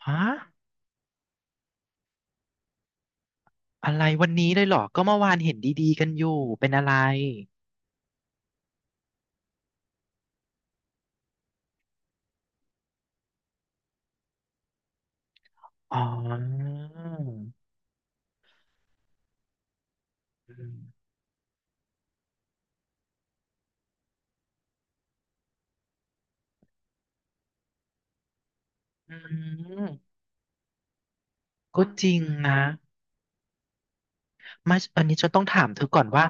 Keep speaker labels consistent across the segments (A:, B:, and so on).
A: ฮะอะไรวันนี้เลยเหรอก็เมื่อวานเห็นดีๆกันอยู่เป็นอะไรอ๋ออืมอืมก็จริงนะมาอันนี้ฉันต้องถามเธอก่อนว่า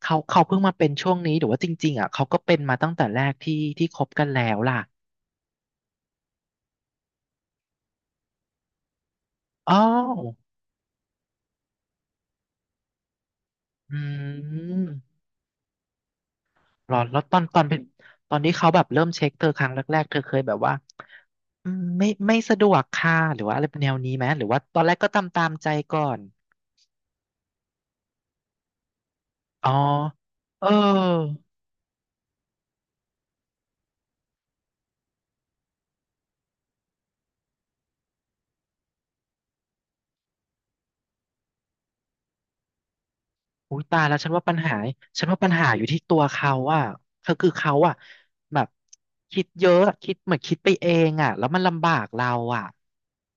A: เขาเพิ่งมาเป็นช่วงนี้หรือว่าจริงๆอ่ะเขาก็เป็นมาตั้งแต่แรกที่คบกันแล้วล่ะอ๋ออืมหรอแล้วตอนเป็นตอนที่เขาแบบเริ่มเช็คเธอครั้งแรกๆเธอเคยแบบว่าอืมไม่สะดวกค่ะหรือว่าอะไรแนวนี้ไหมหรือว่าตอนแรกก็ตามใจก่อน อ๋อเอออุ้ยตายแล้วฉันว่าปัญหาอยู่ที่ตัวเขาอ่ะเขาคือเขาอ่ะแบบคิดเยอะอะคิดเหมือนคิดไปเองอ่ะแล้วมันลำบากเราอ่ะ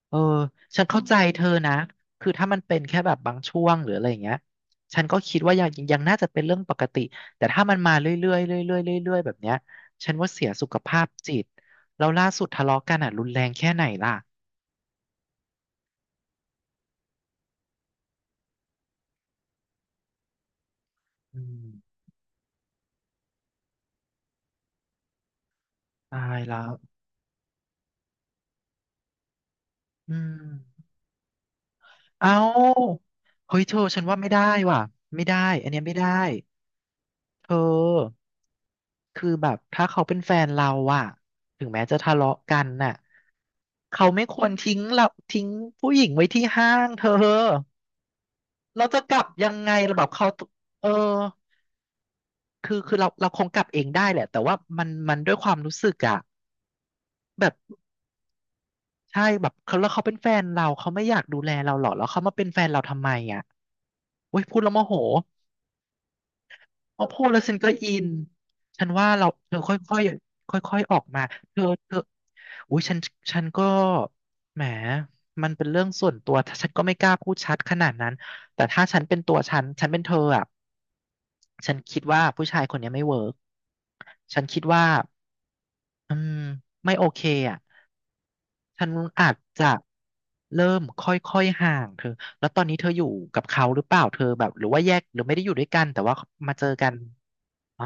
A: เออฉันเข้าใจเธอนะคือถ้ามันเป็นแค่แบบบางช่วงหรืออะไรอย่างเงี้ยฉันก็คิดว่ายังน่าจะเป็นเรื่องปกติแต่ถ้ามันมาเรื่อยๆเรื่อยๆเรื่อยๆแบบเนี้ยฉันว่าเสียสุขภาพจิตแล้วล่าสุดทะเลาะกันอ่ะรุนแรงแค่ไหนล่ะอืมตายแล้วอืม เอาเฮ้ยเธอฉันว่าไม่ได้ว่ะไม่ได้อันเนี้ยไม่ได้เธอคือแบบถ้าเขาเป็นแฟนเราอะถึงแม้จะทะเลาะกันน่ะเขาไม่ควรทิ้งเราทิ้งผู้หญิงไว้ที่ห้างเธอเราจะกลับยังไงเราแบบเขาเออคือเราคงกลับเองได้แหละแต่ว่ามันด้วยความรู้สึกอะแบบใช่แบบเขาแล้วเขาเป็นแฟนเราเขาไม่อยากดูแลเราหรอแล้วเขามาเป็นแฟนเราทำไมอะโอ้ยพูดแล้วโมโห พอพูดแล้วฉันก็อินฉันว่าเราเธอค่อยๆค่อยๆออกมาเธออุ้ยฉันก็แหมมันเป็นเรื่องส่วนตัวถ้าฉันก็ไม่กล้าพูดชัดขนาดนั้นแต่ถ้าฉันเป็นตัวฉัน ฉันเป็นเธออ่ะฉันคิดว่าผู้ชายคนเนี้ยไม่เวิร์กฉันคิดว่า อืมไม่โอเคอ่ะฉันอาจจะเริ่มค่อยๆห่างเธอ แล้วตอนนี้เธออยู่กับเขาหรือเปล่าเธอแบบหรือว่าแยกหรือไม่ได้อยู่ด้วยกันแต่ว่ามาเจอกันอ๋อ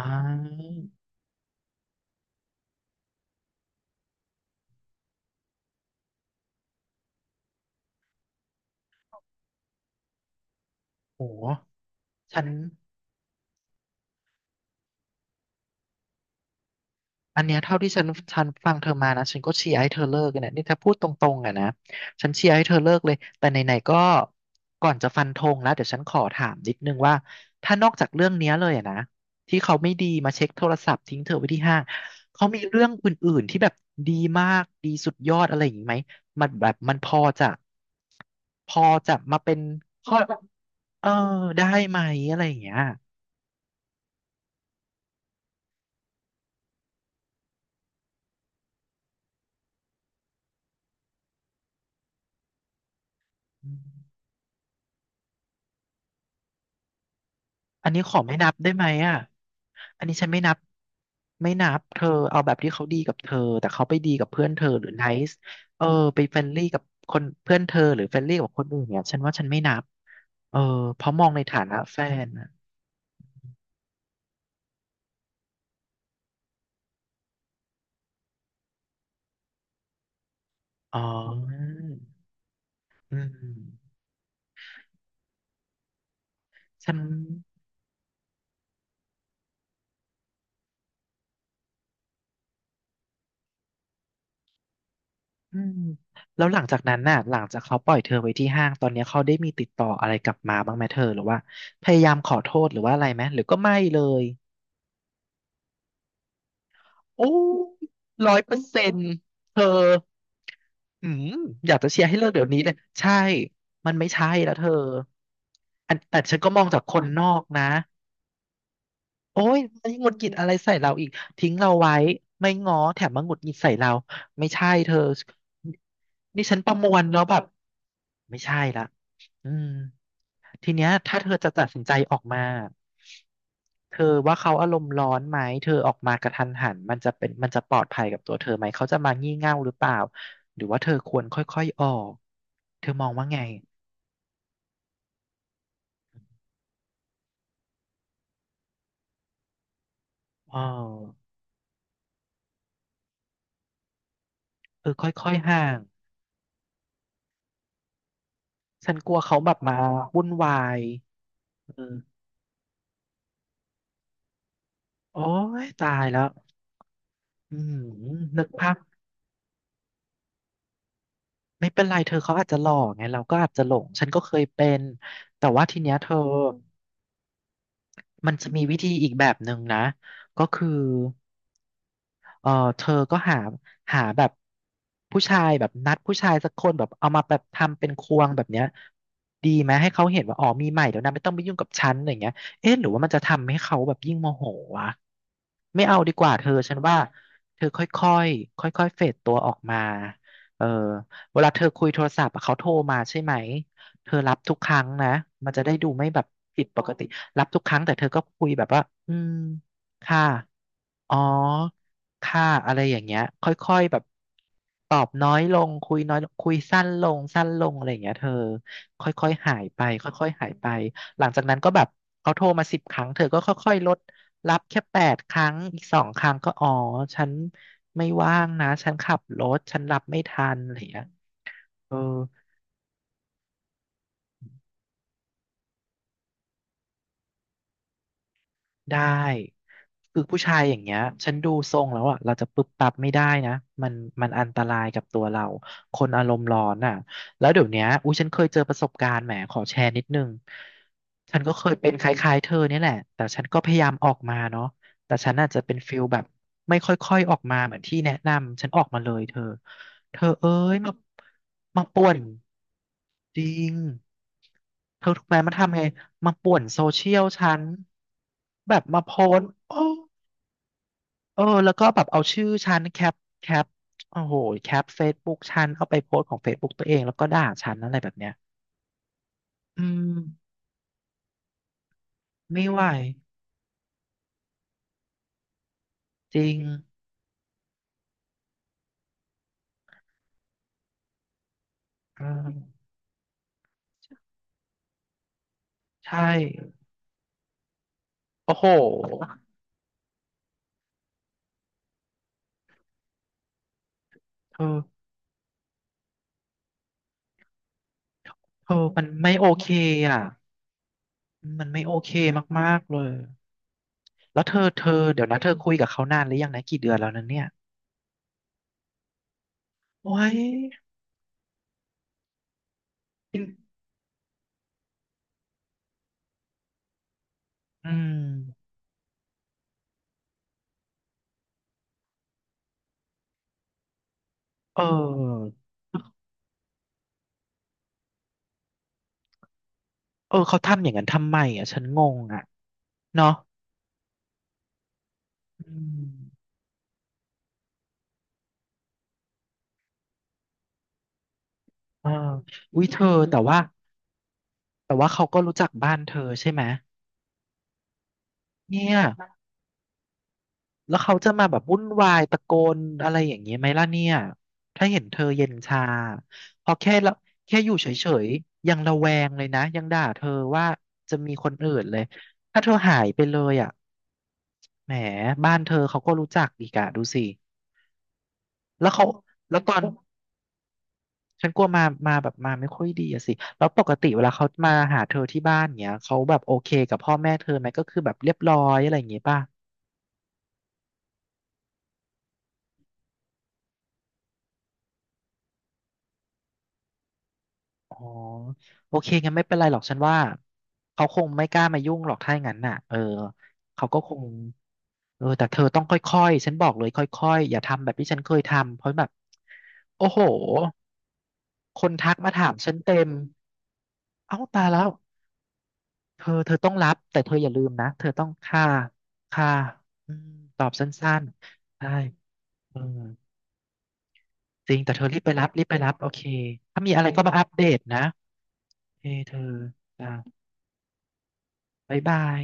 A: โอ้ฉันอันเนี้ยเท่าที่ฉันฉันฟังเธอมานะฉันก็เชียร์ให้เธอเลิกกันเนี่ยนี่ถ้าพูดตรงๆอะนะฉันเชียร์ให้เธอเลิกเลยแต่ไหนๆก็ก่อนจะฟันธงแล้วเดี๋ยวฉันขอถามนิดนึงว่าถ้านอกจากเรื่องเนี้ยเลยอะนะที่เขาไม่ดีมาเช็คโทรศัพท์ทิ้งเธอไว้ที่ห้างเขามีเรื่องอื่นๆที่แบบดีมากดีสุดยอดอะไรอย่างนี้ไหมมันแบบมันพอจะมาเป็นข้อเออได้ไหมอะไรอย่างเงี้ยอืม อันนี้ขอไม่นับได้ไหมอ่ะ อันนี้ฉันไม่นับ ไม่นับเธอเอาแบบที่เขาดีกับเธอแต่เขาไปดีกับเพื่อนเธอหรือไนซ์เออไปเฟรนลี่กับคนเพื่อนเธอหรือเฟรนลี่กับคนอื่นเนี่ยฉันว่าฉันไม่นับ เออเพราะมองในฐานะแฟนอะอ๋ออืมฉันอืมแล้วหลังจากนั้นน่ะหลังจากเขาปล่อยเธอไว้ที่ห้างตอนนี้เขาได้มีติดต่ออะไรกลับมาบ้างไหมเธอหรือว่าพยายามขอโทษหรือว่าอะไรไหมหรือก็ไม่เลยโอ้ร้อยเปอร์เซ็นต์เธอ อืมอยากจะเชียร์ให้เลิกเดี๋ยวนี้เลยใช่มันไม่ใช่แล้วเธออันแต่ฉันก็มองจากคนนอกนะ โอ้ยมันหงุดหงิดอะไรใส่เราอีกทิ้งเราไว้ไม่ง้อแถมมาหงุดหงิดใส่เราไม่ใช่เธอนี่ฉันประมวลแล้วแบบไม่ใช่ละอืมทีเนี้ยถ้าเธอจะตัดสินใจออกมาเธอว่าเขาอารมณ์ร้อนไหมเธอออกมากระทันหันมันจะปลอดภัยกับตัวเธอไหมเขาจะมางี่เง่าหรือเปล่าหรือว่าเธอควรค่อยๆออกเธอมองว่าไงอ๋อเออค่อยๆห่างฉันกลัวเขาแบบมาวุ่นวายเออ โอ้ยตายแล้วอืมนึกภาพไม่เป็นไรเธอเขาอาจจะหลอกไงเราก็อาจจะหลงฉันก็เคยเป็นแต่ว่าทีเนี้ยเธอมันจะมีวิธีอีกแบบหนึ่งนะก็คือ เออเธอก็หาหาแบบผู้ชายแบบนัดผู้ชายสักคนแบบเอามาแบบทำเป็นควงแบบเนี้ยดีไหมให้เขาเห็นว่าอ๋อมีใหม่เดี๋ยวนะไม่ต้องไปยุ่งกับฉันอะไรย่างเงี้ยเอ๊ะหรือว่ามันจะทำให้เขาแบบยิ่งโมโหวะไม่เอาดีกว่าเธอฉันว่าเธอค่อยๆค่อยๆเฟดตัวออกมาเออเวลาเธอคุยโทรศัพท์อะเขาโทรมาใช่ไหมเธอรับทุกครั้งนะมันจะได้ดูไม่แบบผิดปกติรับทุกครั้งแต่เธอก็คุยแบบว่าอืมค่ะ อ๋อค่ะอะไรอย่างเงี้ยค่อยๆแบบตอบน้อยลงคุยน้อยลงคุยสั้นลงสั้นลงอะไรอย่างเงี้ยเธอค่อยๆหายไปค่อยๆหายไปหลังจากนั้นก็แบบเขาโทรมา10 ครั้งเธอก็ค่อยๆลดรับแค่8 ครั้งอีก2 ครั้งก็อ๋อฉันไม่ว่างนะฉันขับรถฉันรับไม่ทันอะไรอย่างเงี้ยเออ ได้คือผู้ชายอย่างเงี้ยฉันดูทรงแล้วอ่ะเราจะปึ๊บปั๊บไม่ได้นะมันมันอันตรายกับตัวเราคนอารมณ์ร้อนอ่ะแล้วเดี๋ยวเนี้ยอุ้ยฉันเคยเจอประสบการณ์แหมขอแชร์นิดนึงฉันก็เคยเป็นคล้ายๆเธอเนี่ยแหละแต่ฉันก็พยายามออกมาเนาะแต่ฉันอาจจะเป็นฟิลแบบไม่ค่อยๆออกมาเหมือนที่แนะนำฉันออกมาเลยเธอเธอเอ้ยมาป่วน จริง เธอถูกไหมมันทำไง มาป่วนโซเชียลฉันแบบมาโพสต์โอ้เออแล้วก็แบบเอาชื่อฉันแคปโอ้โหแคปเฟซบุ๊กฉันเอาไปโพสต์ของเฟซบุ๊กตัวเองแล้วก็ด่าฉันอะไรแบบเนี้ยอืมไม่ไหวจริงเออใช่โอ้โหเธอเธอมันไม่โอเคอ่ะมันไม่โอเคมากๆเลย แล้วเธอ เดี๋ยวนะเธอคุยกับเขานานหรือยังนะกี่เดือนแล้วนะเนี่ยโอ้ย อืมเออเออเขาทำอย่างนั้นทำไมอ่ะฉันงงอ่ะเนาะอืมเออวิเธอแต่ว่าเขาก็รู้จักบ้านเธอใช่ไหมเนี่ยแล้วเขาจะมาแบบวุ่นวายตะโกนอะไรอย่างเงี้ยไหมล่ะเนี่ยถ้าเห็นเธอเย็นชาพอแค่ละแค่อยู่เฉยๆยังระแวงเลยนะยังด่าเธอว่าจะมีคนอื่นเลยถ้าเธอหายไปเลยอ่ะแหมบ้านเธอเขาก็รู้จักอีกอะดูสิแล้วเขาแล้วตอน ฉันกลัวมาแบบมาไม่ค่อยดีอะสิแล้วปกติเวลาเขามาหาเธอที่บ้านเนี้ยเขาแบบโอเคกับพ่อแม่เธอไหมก็คือแบบเรียบร้อยอะไรอย่างงี้ป่ะอ๋อโอเคงั้นไม่เป็นไรหรอกฉันว่าเขาคงไม่กล้ามายุ่งหรอกถ้าอย่างนั้นน่ะเออเขาก็คงแต่เธอต้องค่อยๆฉันบอกเลยค่อยๆอย่าทำแบบที่ฉันเคยทำเพราะแบบโอ้โหคนทักมาถามฉันเต็มเอ้าตายแล้ว เธอเธอต้องรับแต่เธออย่าลืมนะเธอต้องค่าค่าอืมตอบสั้นๆได้เออจริงแต่เธอรีบไปรับรีบไปรับโอเคถ้ามีอะไรก็มาอัปเดตนะโอเคเธอจ้าบ๊ายบาย